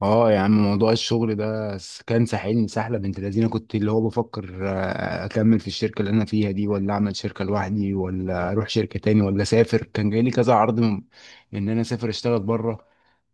اه يا عم، موضوع الشغل ده كان ساحلني سحله بنت لذينه. كنت اللي هو بفكر اكمل في الشركه اللي انا فيها دي، ولا اعمل شركه لوحدي، ولا اروح شركه تاني، ولا اسافر. كان جاي لي كذا عرض من ان انا اسافر اشتغل بره.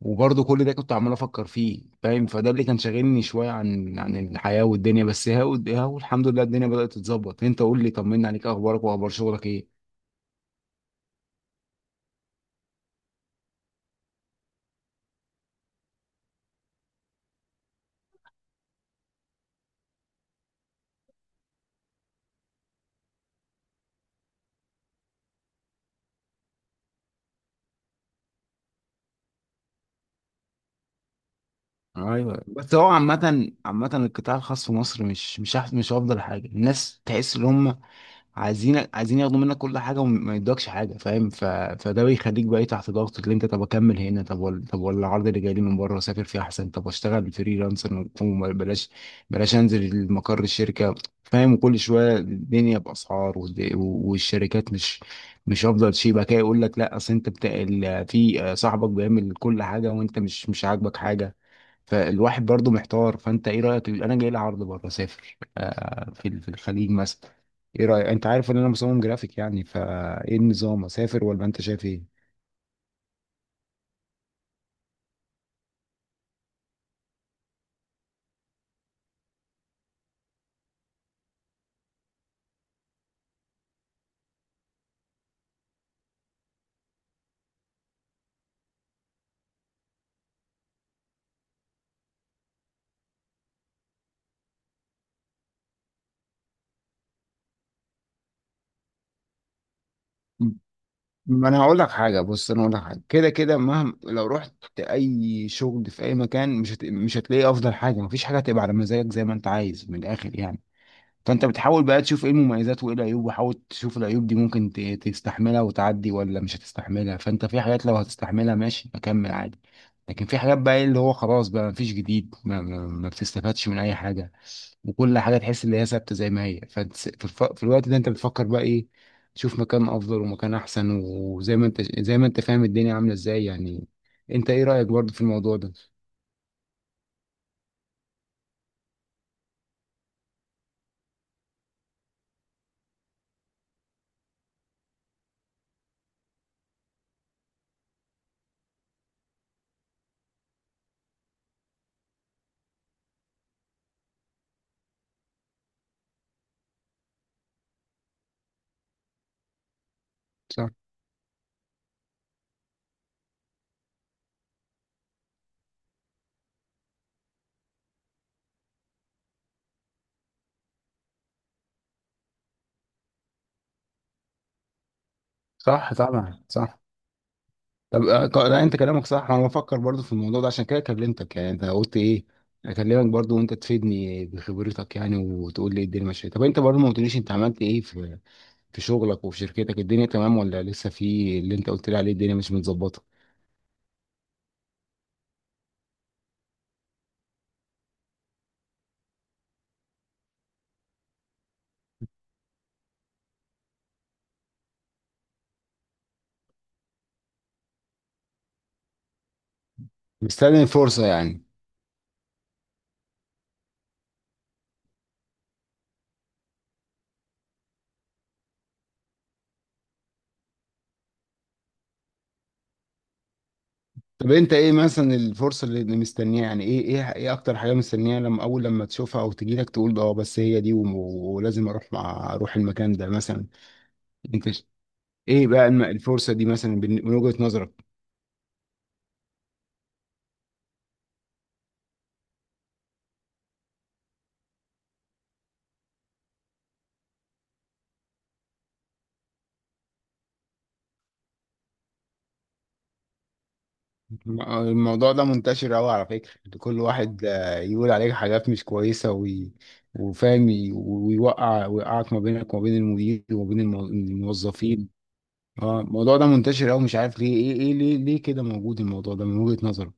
وبرضه كل ده كنت عمال افكر فيه، فاهم؟ فده اللي كان شاغلني شويه عن الحياه والدنيا. بس هاو هاو الحمد لله الدنيا بدات تتظبط. انت قول لي، طمنا عليك، اخبارك واخبار شغلك ايه؟ ايوه. بس هو عامة القطاع الخاص في مصر مش أحسن، مش افضل حاجة. الناس تحس ان هم عايزين ياخدوا منك كل حاجه وما يدوكش حاجه، فاهم؟ فده بيخليك بقى تحت ضغط. اللي انت طب اكمل هنا، طب ولا طب ولا العرض اللي جاي لي من بره اسافر فيه احسن، طب اشتغل فريلانسر وبلاش، انزل مقر الشركه. فاهم؟ وكل شويه الدنيا باسعار، والشركات مش افضل شيء. بقى كده يقول لك لا اصل انت في صاحبك بيعمل كل حاجه وانت مش عاجبك حاجه. فالواحد برضو محتار. فانت ايه رايك؟ انا جاي لي عرض بره اسافر، في الخليج مثلا. ايه رأيك؟ انت عارف ان انا مصمم جرافيك يعني. فايه النظام؟ اسافر ولا انت شايف ايه؟ ما انا هقول لك حاجه، بص انا هقول لك حاجه. كده مهما لو رحت اي شغل في اي مكان مش هتلاقي افضل حاجه. مفيش حاجه هتبقى على مزاجك زي ما انت عايز من الاخر يعني. فانت بتحاول بقى تشوف ايه المميزات وايه العيوب، وحاول تشوف العيوب دي ممكن تستحملها وتعدي ولا مش هتستحملها. فانت في حاجات لو هتستحملها ماشي اكمل عادي. لكن في حاجات بقى إيه اللي هو خلاص، بقى مفيش جديد، ما بتستفادش من اي حاجة. وكل حاجة تحس ان هي ثابتة زي ما هي. فانت في الوقت ده انت بتفكر بقى ايه؟ تشوف مكان افضل ومكان احسن. وزي ما انت فاهم الدنيا عاملة ازاي يعني. انت ايه رأيك برضه في الموضوع ده؟ صح. صح طبعا. صح. طب لا، انت كلامك صح. انا بفكر برضو في الموضوع ده عشان كده كلمتك يعني. انت قلت ايه؟ اكلمك برضو وانت تفيدني بخبرتك يعني، وتقول لي إيه الدنيا ماشيه. طب انت برضو ما قلتليش انت عملت ايه في شغلك وفي شركتك؟ الدنيا تمام ولا لسه في اللي انت قلت لي عليه الدنيا مش متظبطه؟ مستني الفرصه يعني. طب انت ايه مثلا الفرصه اللي مستنيها يعني؟ ايه اكتر حاجه مستنيها لما اول لما تشوفها او تجيلك تقول اه بس هي دي، ولازم اروح اروح المكان ده مثلا؟ انت ش- ايه بقى الفرصه دي مثلا من وجهه نظرك؟ الموضوع ده منتشر أوي على فكرة. كل واحد يقول عليك حاجات مش كويسة، وفاهم، ويوقع ويقعك ما بينك وما بين المدير وما بين الموظفين. اه الموضوع ده منتشر أوي. مش عارف ليه. ايه ايه ليه كده موجود الموضوع ده من وجهة نظرك؟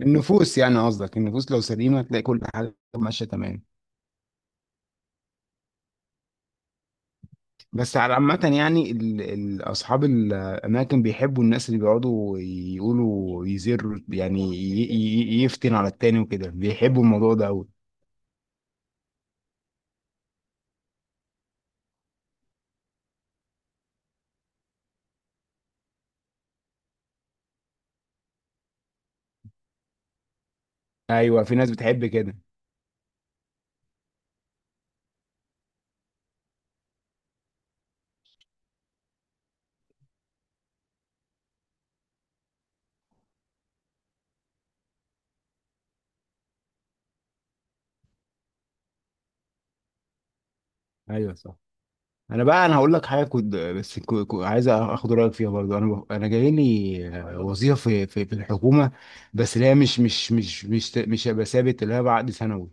النفوس يعني، قصدك النفوس لو سليمة تلاقي كل حاجة ماشية تمام. بس على عامة يعني أصحاب الأماكن بيحبوا الناس اللي بيقعدوا يقولوا، يزروا يعني، يفتن على التاني وكده، بيحبوا الموضوع ده أوي. أيوه في ناس بتحب كده. أيوه صح. أنا هقول لك حاجة كنت بس عايز آخد رأيك فيها برضه. أنا جاي لي وظيفة في الحكومة. بس اللي هي مش هبقى ثابت، اللي هي بعقد سنوي.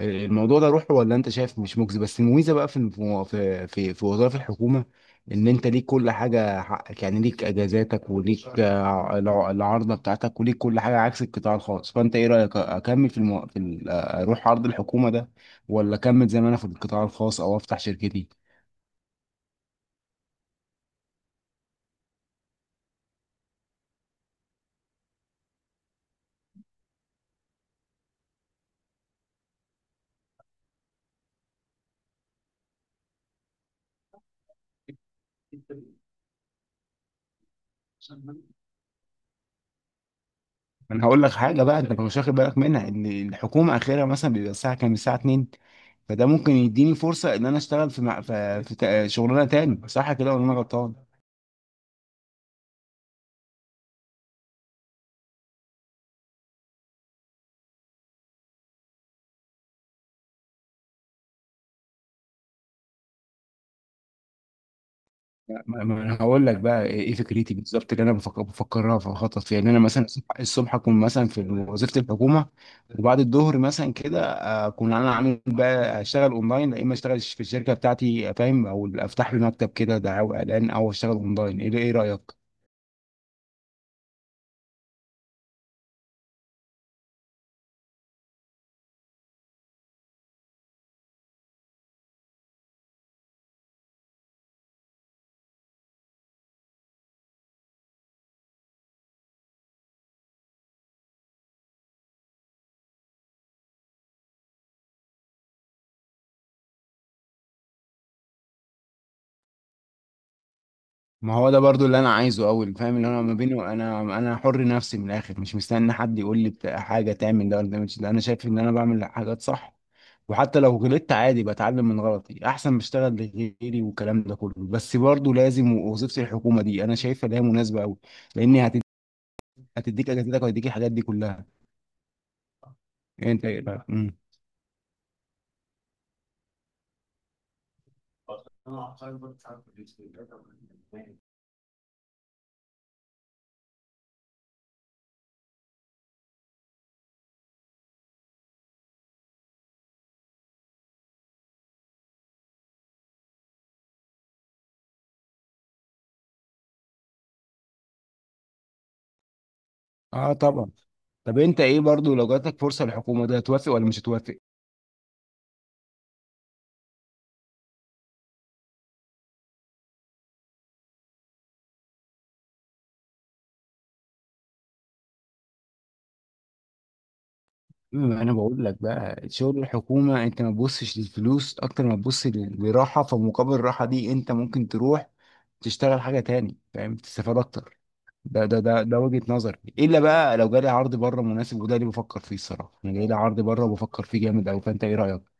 الموضوع ده روحه ولا انت شايف مش مجزي؟ بس الميزه بقى في وظائف الحكومه، ان انت ليك كل حاجه حقك يعني، ليك اجازاتك، وليك العارضه بتاعتك، وليك كل حاجه عكس القطاع الخاص. فانت ايه رايك؟ اكمل في, المو... في ال... آه، اروح عرض الحكومه ده، ولا اكمل زي ما انا في القطاع الخاص، او افتح شركتي؟ انا هقول لك حاجه بقى انت مش واخد بالك منها، ان الحكومه اخرها مثلا بيبقى الساعه كام؟ الساعه 2. فده ممكن يديني فرصه ان انا اشتغل في مع... في, في... تا- شغلانه تاني. صح كده ولا انا غلطان؟ ما انا هقول لك بقى ايه فكرتي بالظبط اللي انا بفكر بفكرها، في خطط فيها ان انا مثلا الصبح اكون مثلا في وظيفه الحكومه، وبعد الظهر مثلا كده اكون انا عامل بقى اشتغل اونلاين، يا اما اشتغل في الشركه بتاعتي، فاهم؟ او افتح لي مكتب كده دعاوى اعلان، او اشتغل اونلاين. ايه رايك؟ ما هو ده برضو اللي انا عايزه، اول فاهم اللي انا ما بينه، انا حر نفسي من الاخر. مش مستني حد يقول لي حاجه تعمل ده ولا ما تعملش ده. انا شايف ان انا بعمل حاجات صح. وحتى لو غلطت عادي بتعلم من غلطي، احسن بشتغل لغيري والكلام ده كله. بس برضو لازم وظيفه الحكومه دي انا شايفها اللي هي مناسبه قوي. لان هتديك اجازتك وهتديك الحاجات دي كلها. يعني انت ايه رأيك؟ مم. اه طبعا. طب انت ايه برضو لو جاتك فرصه للحكومه ده، هتوافق ولا مش هتوافق؟ ما انا بقول لك بقى شغل الحكومه انت ما تبصش للفلوس اكتر ما تبص لراحه. فمقابل الراحه دي انت ممكن تروح تشتغل حاجه تاني، فاهم، تستفاد اكتر. ده وجهه نظري. الا بقى لو جالي عرض بره مناسب، وده اللي بفكر فيه الصراحه. انا جاي لي عرض بره وبفكر فيه جامد قوي. فانت ايه رايك؟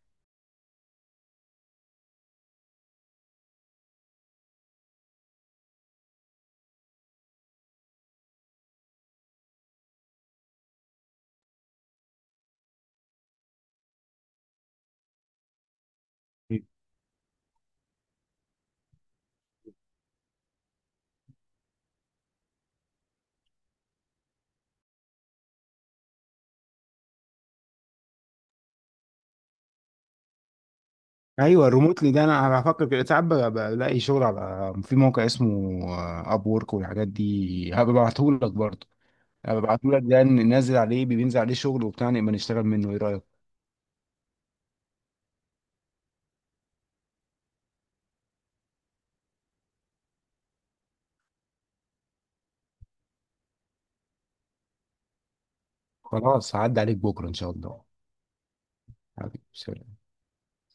ايوه الريموتلي ده انا بفكر كده. ساعات بلاقي شغل على في موقع اسمه اب وورك والحاجات دي، هبعتهولك برضه. هبعتهولك ده ننزل عليه، بينزل عليه شغل وبتاع، نبقى نشتغل منه. ايه رايك؟ خلاص عدى عليك بكرة إن شاء الله. حبيبي سلام.